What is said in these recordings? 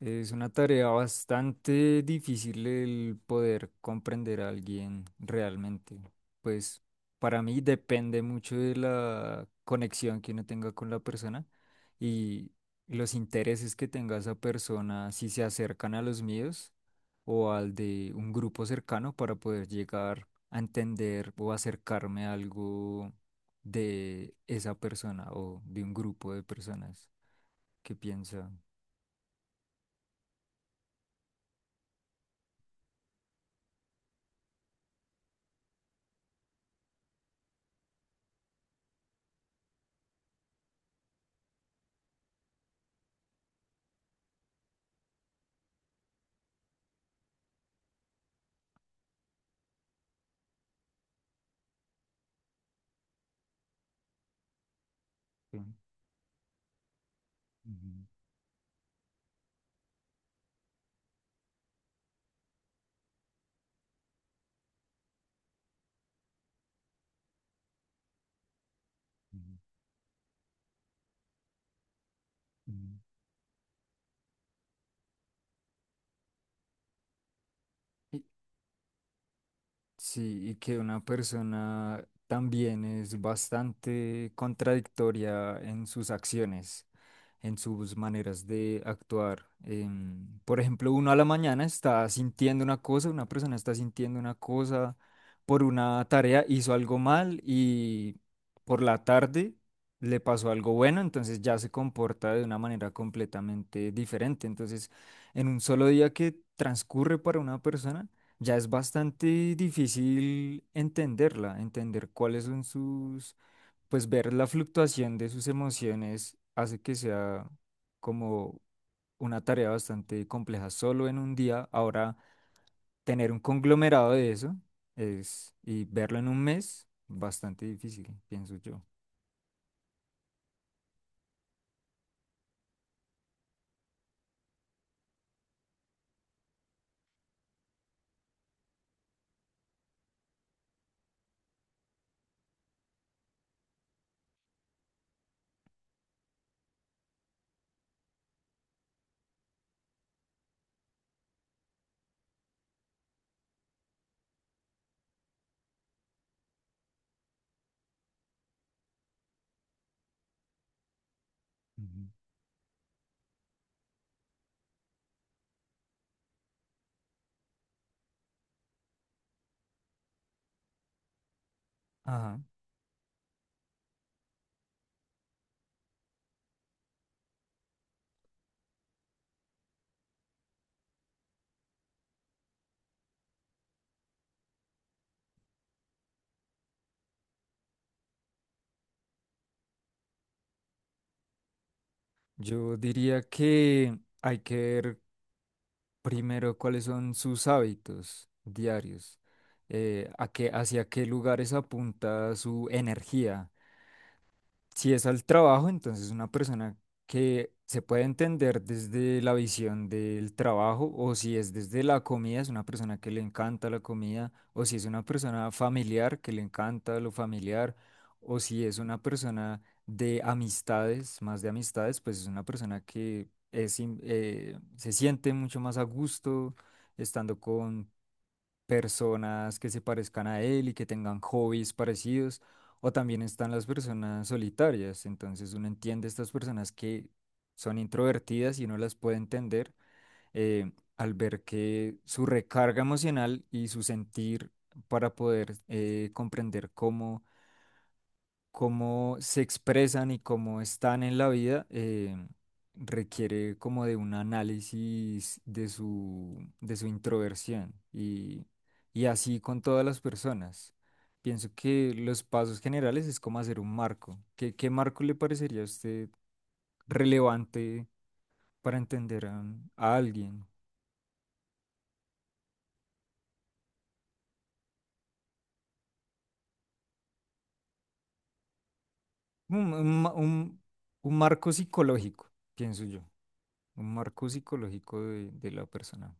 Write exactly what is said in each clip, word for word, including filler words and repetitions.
Es una tarea bastante difícil el poder comprender a alguien realmente. Pues, para mí depende mucho de la conexión que uno tenga con la persona y los intereses que tenga esa persona, si se acercan a los míos o al de un grupo cercano para poder llegar a entender o acercarme a algo de esa persona o de un grupo de personas que piensan. Sí. Ujú, ujú. Mm. Y- Sí, y que una persona también es bastante contradictoria en sus acciones, en sus maneras de actuar. Em, por ejemplo, uno a la mañana está sintiendo una cosa, una persona está sintiendo una cosa por una tarea, hizo algo mal, y por la tarde le pasó algo bueno, entonces ya se comporta de una manera completamente diferente. Entonces, en un solo día que transcurre para una persona, ya es bastante difícil entenderla, entender cuáles son sus, pues ver la fluctuación de sus emociones hace que sea como una tarea bastante compleja solo en un día. Ahora, tener un conglomerado de eso es, y verlo en un mes, bastante difícil, pienso yo. Ujú. Ajá. Yo diría que hay que ver primero cuáles son sus hábitos diarios, eh, a qué, hacia qué lugares apunta su energía. Si es al trabajo, entonces una persona que se puede entender desde la visión del trabajo; o si es desde la comida, es una persona que le encanta la comida; o si es una persona familiar que le encanta lo familiar; o si es una persona de amistades, más de amistades, pues es una persona que es, in- eh, se siente mucho más a gusto estando con personas que se parezcan a él y que tengan hobbies parecidos; o también están las personas solitarias. Entonces uno entiende estas personas que son introvertidas, y uno las puede entender, eh, al ver que su recarga emocional y su sentir, para poder eh, comprender cómo cómo se expresan y cómo están en la vida, eh, requiere como de un análisis de su, de su introversión, y, y así con todas las personas. Pienso que los pasos generales es como hacer un marco. ¿Qué, qué marco le parecería a usted relevante para entender a, un- a alguien? Un, un ma- un- un marco psicológico, pienso yo. Un marco psicológico de de la persona.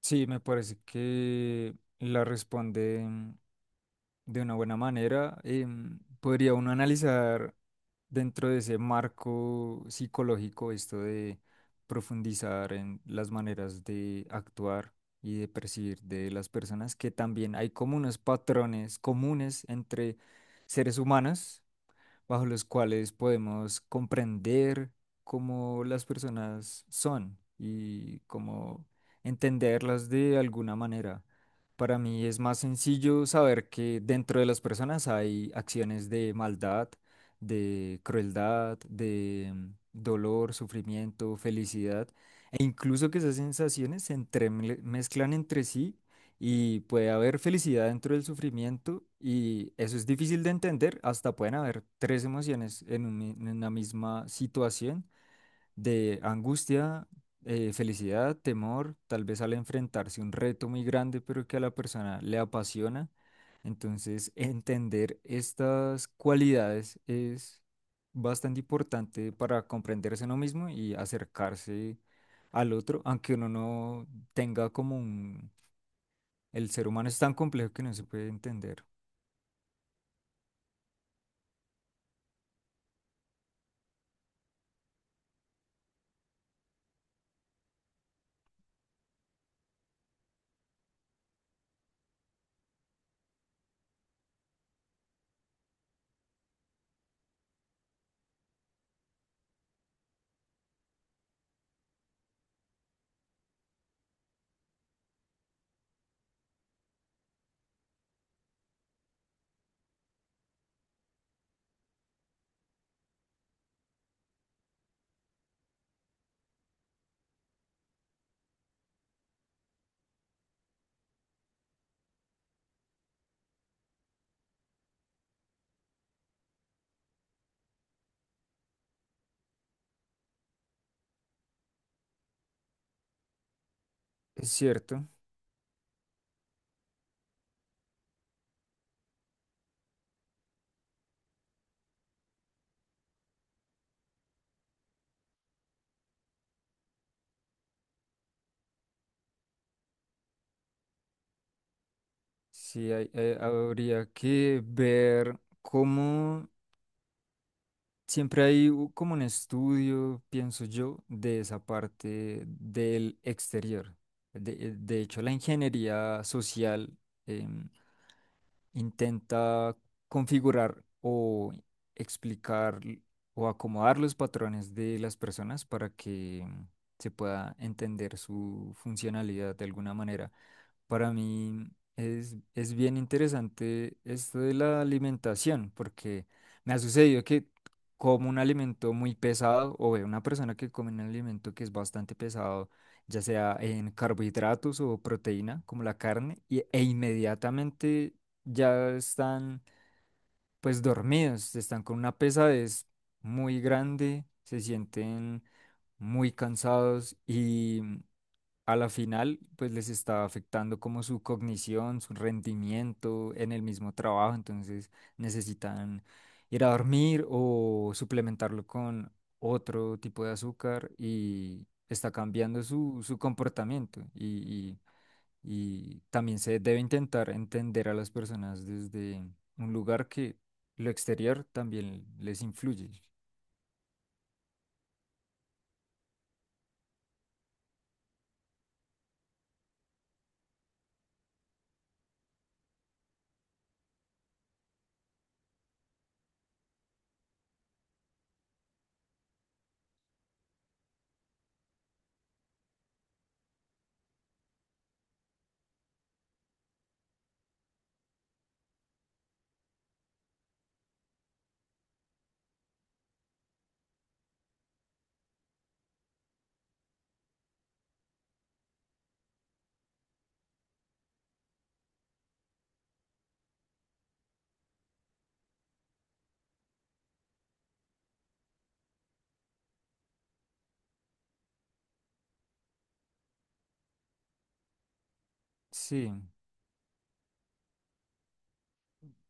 Sí, me parece que la responde, mm, de una buena manera. Em, podría uno analizar dentro de ese marco psicológico esto de profundizar en las maneras de actuar y de percibir de las personas, que también hay como unos patrones comunes entre seres humanos bajo los cuales podemos comprender cómo las personas son y cómo entenderlas de alguna manera. Para mí es más sencillo saber que dentro de las personas hay acciones de maldad, de crueldad, de, mm, dolor, sufrimiento, felicidad, e incluso que esas sensaciones se entremezclan entre sí, y puede haber felicidad dentro del sufrimiento, y eso es difícil de entender. Hasta pueden haber tres emociones en, un mi- en una misma situación de angustia, eh, felicidad, temor, tal vez al enfrentarse un reto muy grande pero que a la persona le apasiona. Entonces, entender estas cualidades es bastante importante para comprenderse uno mismo y acercarse al otro, aunque uno no tenga como... El ser humano es tan complejo que no se puede entender. Es cierto, sí, hay- eh, habría que ver cómo siempre hay u- como un estudio, pienso yo, de esa parte del exterior. De, eh, de hecho, la ingeniería social em, intenta configurar o explicar, l- o acomodar los patrones de las personas, para que em, se pueda entender su funcionalidad de alguna manera. Para mí es, es bien interesante esto de la alimentación, porque me ha sucedido que como un alimento muy pesado, o veo una persona que come un alimento que es bastante pesado, ya sea en carbohidratos o proteína, como la carne, y- e inmediatamente ya están, pues, dormidos, están con una pesadez muy grande, se sienten muy cansados, y a la final, pues les estaba afectando como su cognición, su rendimiento en el mismo trabajo. Entonces necesitan ir a dormir o suplementarlo con otro tipo de azúcar, y está cambiando su, su comportamiento, y, y y también se debe intentar entender a las personas desde un lugar que lo exterior también les influye. Sí.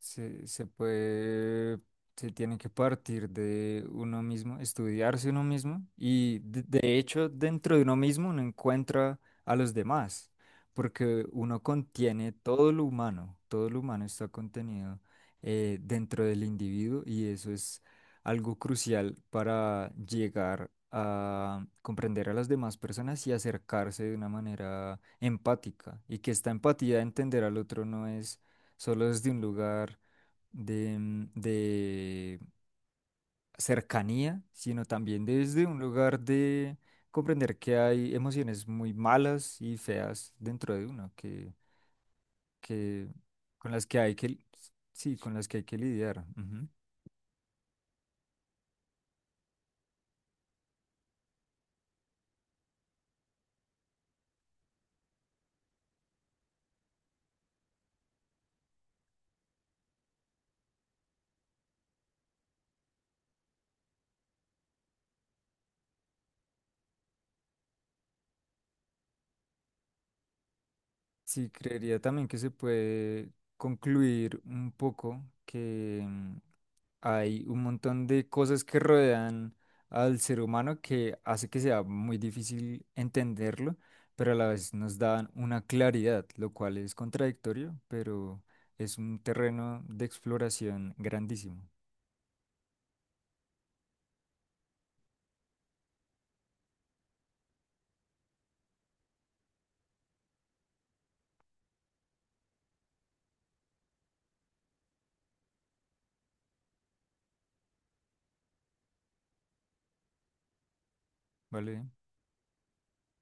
se, se puede, se tiene que partir de uno mismo, estudiarse uno mismo, y de, de hecho dentro de uno mismo uno encuentra a los demás, porque uno contiene todo lo humano. Todo lo humano está contenido, eh, dentro del individuo, y eso es algo crucial para llegar a comprender a las demás personas y acercarse de una manera empática, y que esta empatía, de entender al otro, no es solo desde un lugar de, mm, de cercanía, sino también desde un lugar de comprender que hay emociones muy malas y feas dentro de uno, que, que con las que hay que, li- sí, con las que hay que lidiar. Ujú. Sí, creería también que se puede concluir un poco que, mm, hay un montón de cosas que rodean al ser humano, que hace que sea muy difícil entenderlo, pero a la vez nos dan una claridad, lo cual es contradictorio, pero es un terreno de exploración grandísimo. ¿Vale?